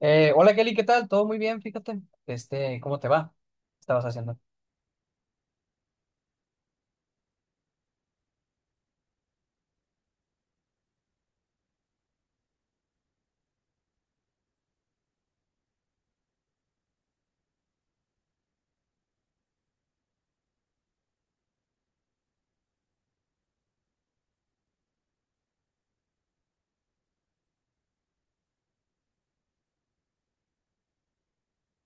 Hola Kelly, ¿qué tal? Todo muy bien, fíjate. ¿Cómo te va? ¿Qué estabas haciendo?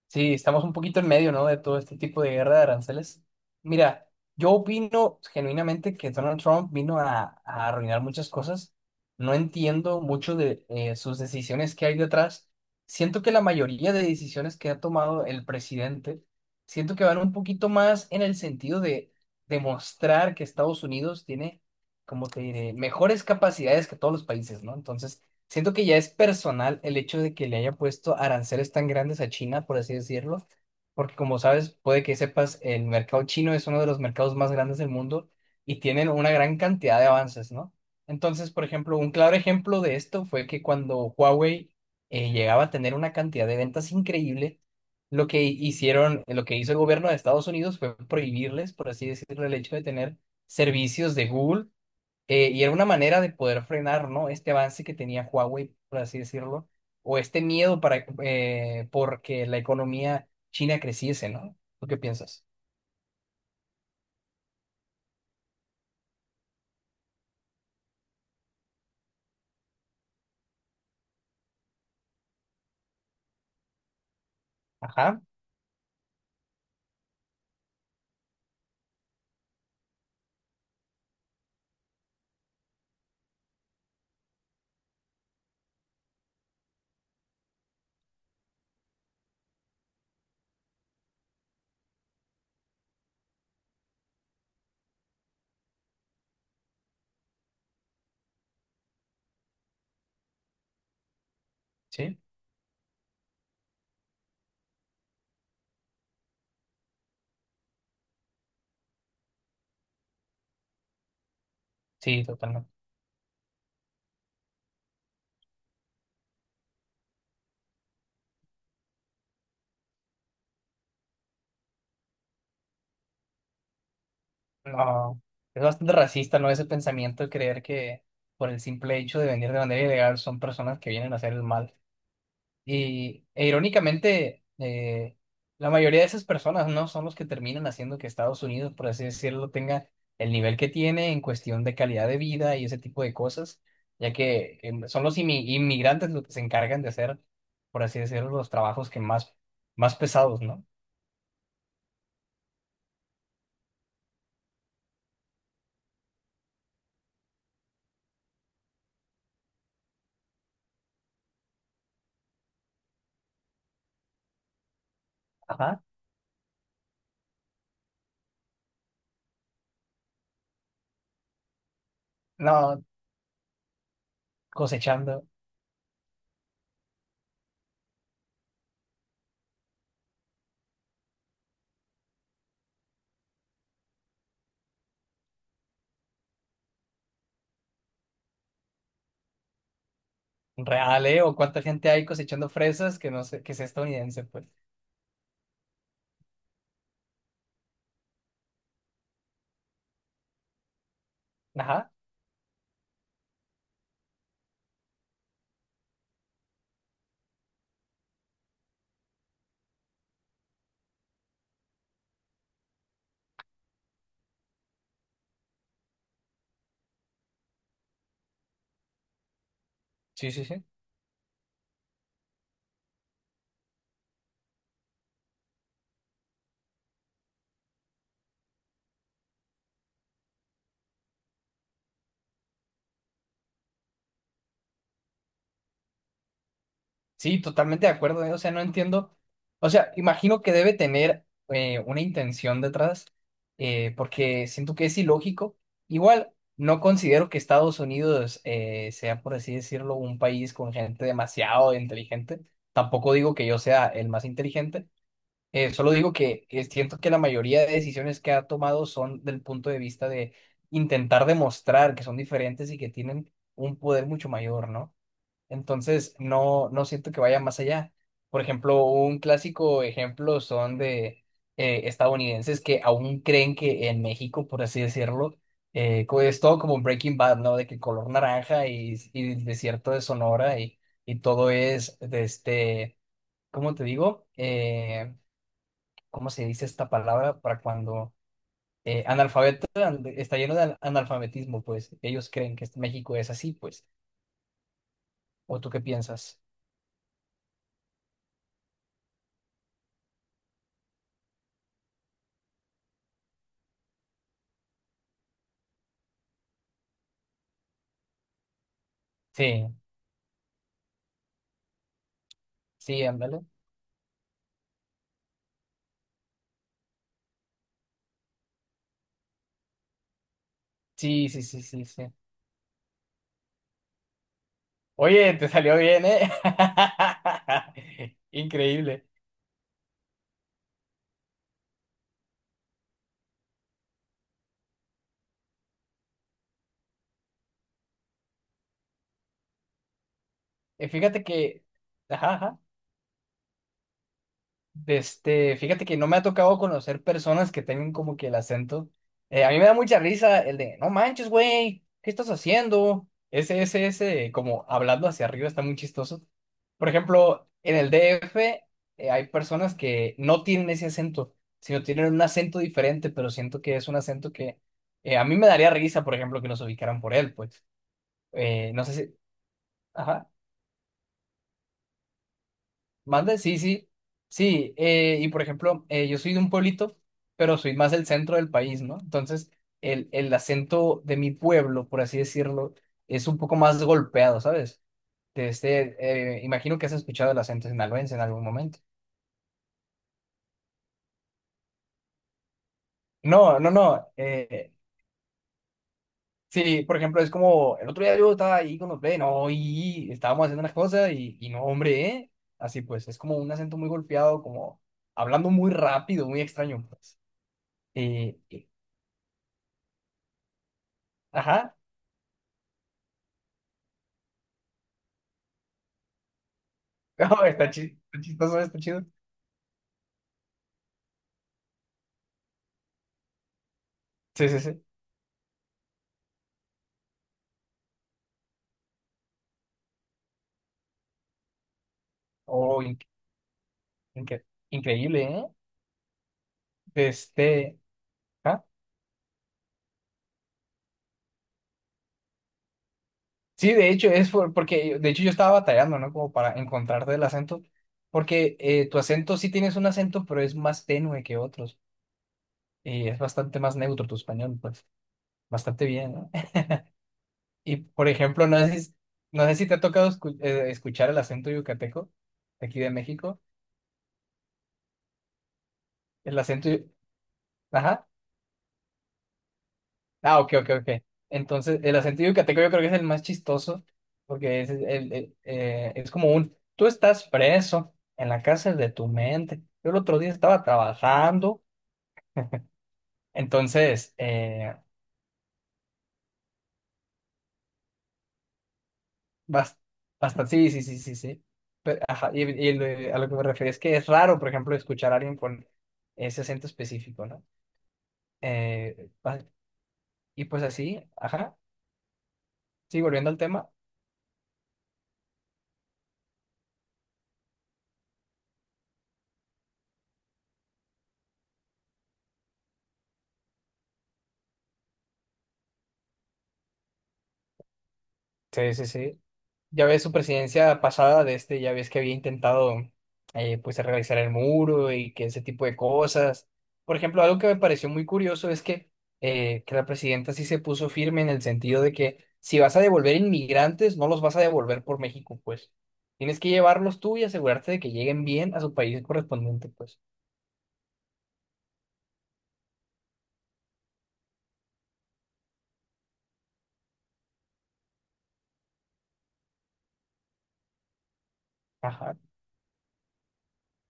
Sí, estamos un poquito en medio, ¿no? De todo este tipo de guerra de aranceles. Mira, yo opino genuinamente que Donald Trump vino a arruinar muchas cosas. No entiendo mucho de sus decisiones que hay detrás. Siento que la mayoría de decisiones que ha tomado el presidente, siento que van un poquito más en el sentido de demostrar que Estados Unidos tiene, como te diré, mejores capacidades que todos los países, ¿no? Entonces, siento que ya es personal el hecho de que le hayan puesto aranceles tan grandes a China, por así decirlo, porque como sabes, puede que sepas, el mercado chino es uno de los mercados más grandes del mundo y tienen una gran cantidad de avances, ¿no? Entonces, por ejemplo, un claro ejemplo de esto fue que cuando Huawei llegaba a tener una cantidad de ventas increíble, lo que hicieron, lo que hizo el gobierno de Estados Unidos fue prohibirles, por así decirlo, el hecho de tener servicios de Google, y era una manera de poder frenar, ¿no? Este avance que tenía Huawei, por así decirlo, o este miedo para, porque la economía china creciese, ¿no? ¿Tú qué piensas? Ajá, sí, sí, totalmente. No, es bastante racista, ¿no? Ese pensamiento de creer que por el simple hecho de venir de manera ilegal son personas que vienen a hacer el mal. Y e irónicamente, la mayoría de esas personas no son los que terminan haciendo que Estados Unidos, por así decirlo, tenga el nivel que tiene en cuestión de calidad de vida y ese tipo de cosas, ya que son los inmigrantes los que se encargan de hacer, por así decirlo, los trabajos que más pesados, ¿no? Ajá. No, cosechando real, ¿eh? O cuánta gente hay cosechando fresas que no sé, que es estadounidense, pues. Ajá. Sí, sí, sí. Sí, totalmente de acuerdo, ¿eh? O sea, no entiendo. O sea, imagino que debe tener, una intención detrás, porque siento que es ilógico. Igual, no considero que Estados Unidos, sea, por así decirlo, un país con gente demasiado inteligente. Tampoco digo que yo sea el más inteligente. Eh, solo digo que siento que la mayoría de decisiones que ha tomado son del punto de vista de intentar demostrar que son diferentes y que tienen un poder mucho mayor, ¿no? Entonces, no, no siento que vaya más allá. Por ejemplo, un clásico ejemplo son de estadounidenses que aún creen que en México, por así decirlo, es todo como Breaking Bad, ¿no? De que color naranja y el desierto de Sonora y todo es de este, ¿cómo te digo? ¿Cómo se dice esta palabra para cuando analfabeto, está lleno de analfabetismo? Pues ellos creen que México es así, pues. ¿O tú qué piensas? Sí, sí, ándale. Sí, sí, sí, sí, sí. Oye, te salió bien, ¿eh? Increíble. Fíjate que... Ajá, ajá. Fíjate que no me ha tocado conocer personas que tengan como que el acento. A mí me da mucha risa el de, no manches, güey, ¿qué estás haciendo? Ese, como hablando hacia arriba, está muy chistoso. Por ejemplo, en el DF, hay personas que no tienen ese acento, sino tienen un acento diferente, pero siento que es un acento que, a mí me daría risa, por ejemplo, que nos ubicaran por él, pues. No sé si... Mande, sí, sí, sí. Y por ejemplo, yo soy de un pueblito, pero soy más del centro del país, ¿no? Entonces, el acento de mi pueblo, por así decirlo, es un poco más golpeado, ¿sabes? De este, imagino que has escuchado el acento sinaloense en algún momento. No, no, no. Sí, por ejemplo, es como el otro día yo estaba ahí con los no, y estábamos haciendo unas cosas y, no, hombre, ¿eh? Así pues, es como un acento muy golpeado, como hablando muy rápido, muy extraño, pues. Eh, eh, ajá. No, está está chistoso, está chido. Sí, sí, sí. Oh, inque- increíble, ¿eh? Este, ¿Ah? Sí, de hecho, es porque, de hecho, yo estaba batallando, ¿no? Como para encontrarte el acento, porque, tu acento sí tienes un acento, pero es más tenue que otros, y es bastante más neutro tu español, pues, bastante bien, ¿no? Y, por ejemplo, no sé si te ha tocado escuchar el acento yucateco, de aquí de México, el acento, yu- ajá. Ah, ok, ok, ok. Entonces, el acento yucateco yo creo que es el más chistoso, porque es como tú estás preso en la cárcel de tu mente. Yo el otro día estaba trabajando, entonces, bas- bastante, sí, sí, sí, sí, sí. Pero, ajá, y a lo que me refiero es que es raro, por ejemplo, escuchar a alguien con ese acento específico, ¿no? Eh, va- y pues así, ajá, sí, volviendo al tema, sí, sí, sí. Ya ves su presidencia pasada de este, ya ves que había intentado, pues, realizar el muro y que ese tipo de cosas. Por ejemplo, algo que me pareció muy curioso es que la presidenta sí se puso firme en el sentido de que si vas a devolver inmigrantes, no los vas a devolver por México, pues. Tienes que llevarlos tú y asegurarte de que lleguen bien a su país correspondiente, pues. Ajá,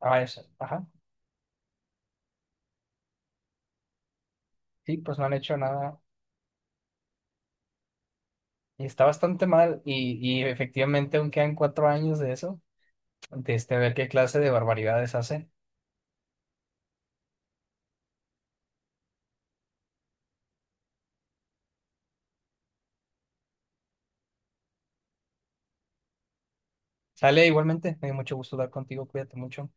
ah, eso, ajá. Sí, pues no han hecho nada. Y está bastante mal y, efectivamente aún quedan 4 años de eso, de este, a ver qué clase de barbaridades hacen. Sale, igualmente, me dio mucho gusto hablar contigo, cuídate mucho.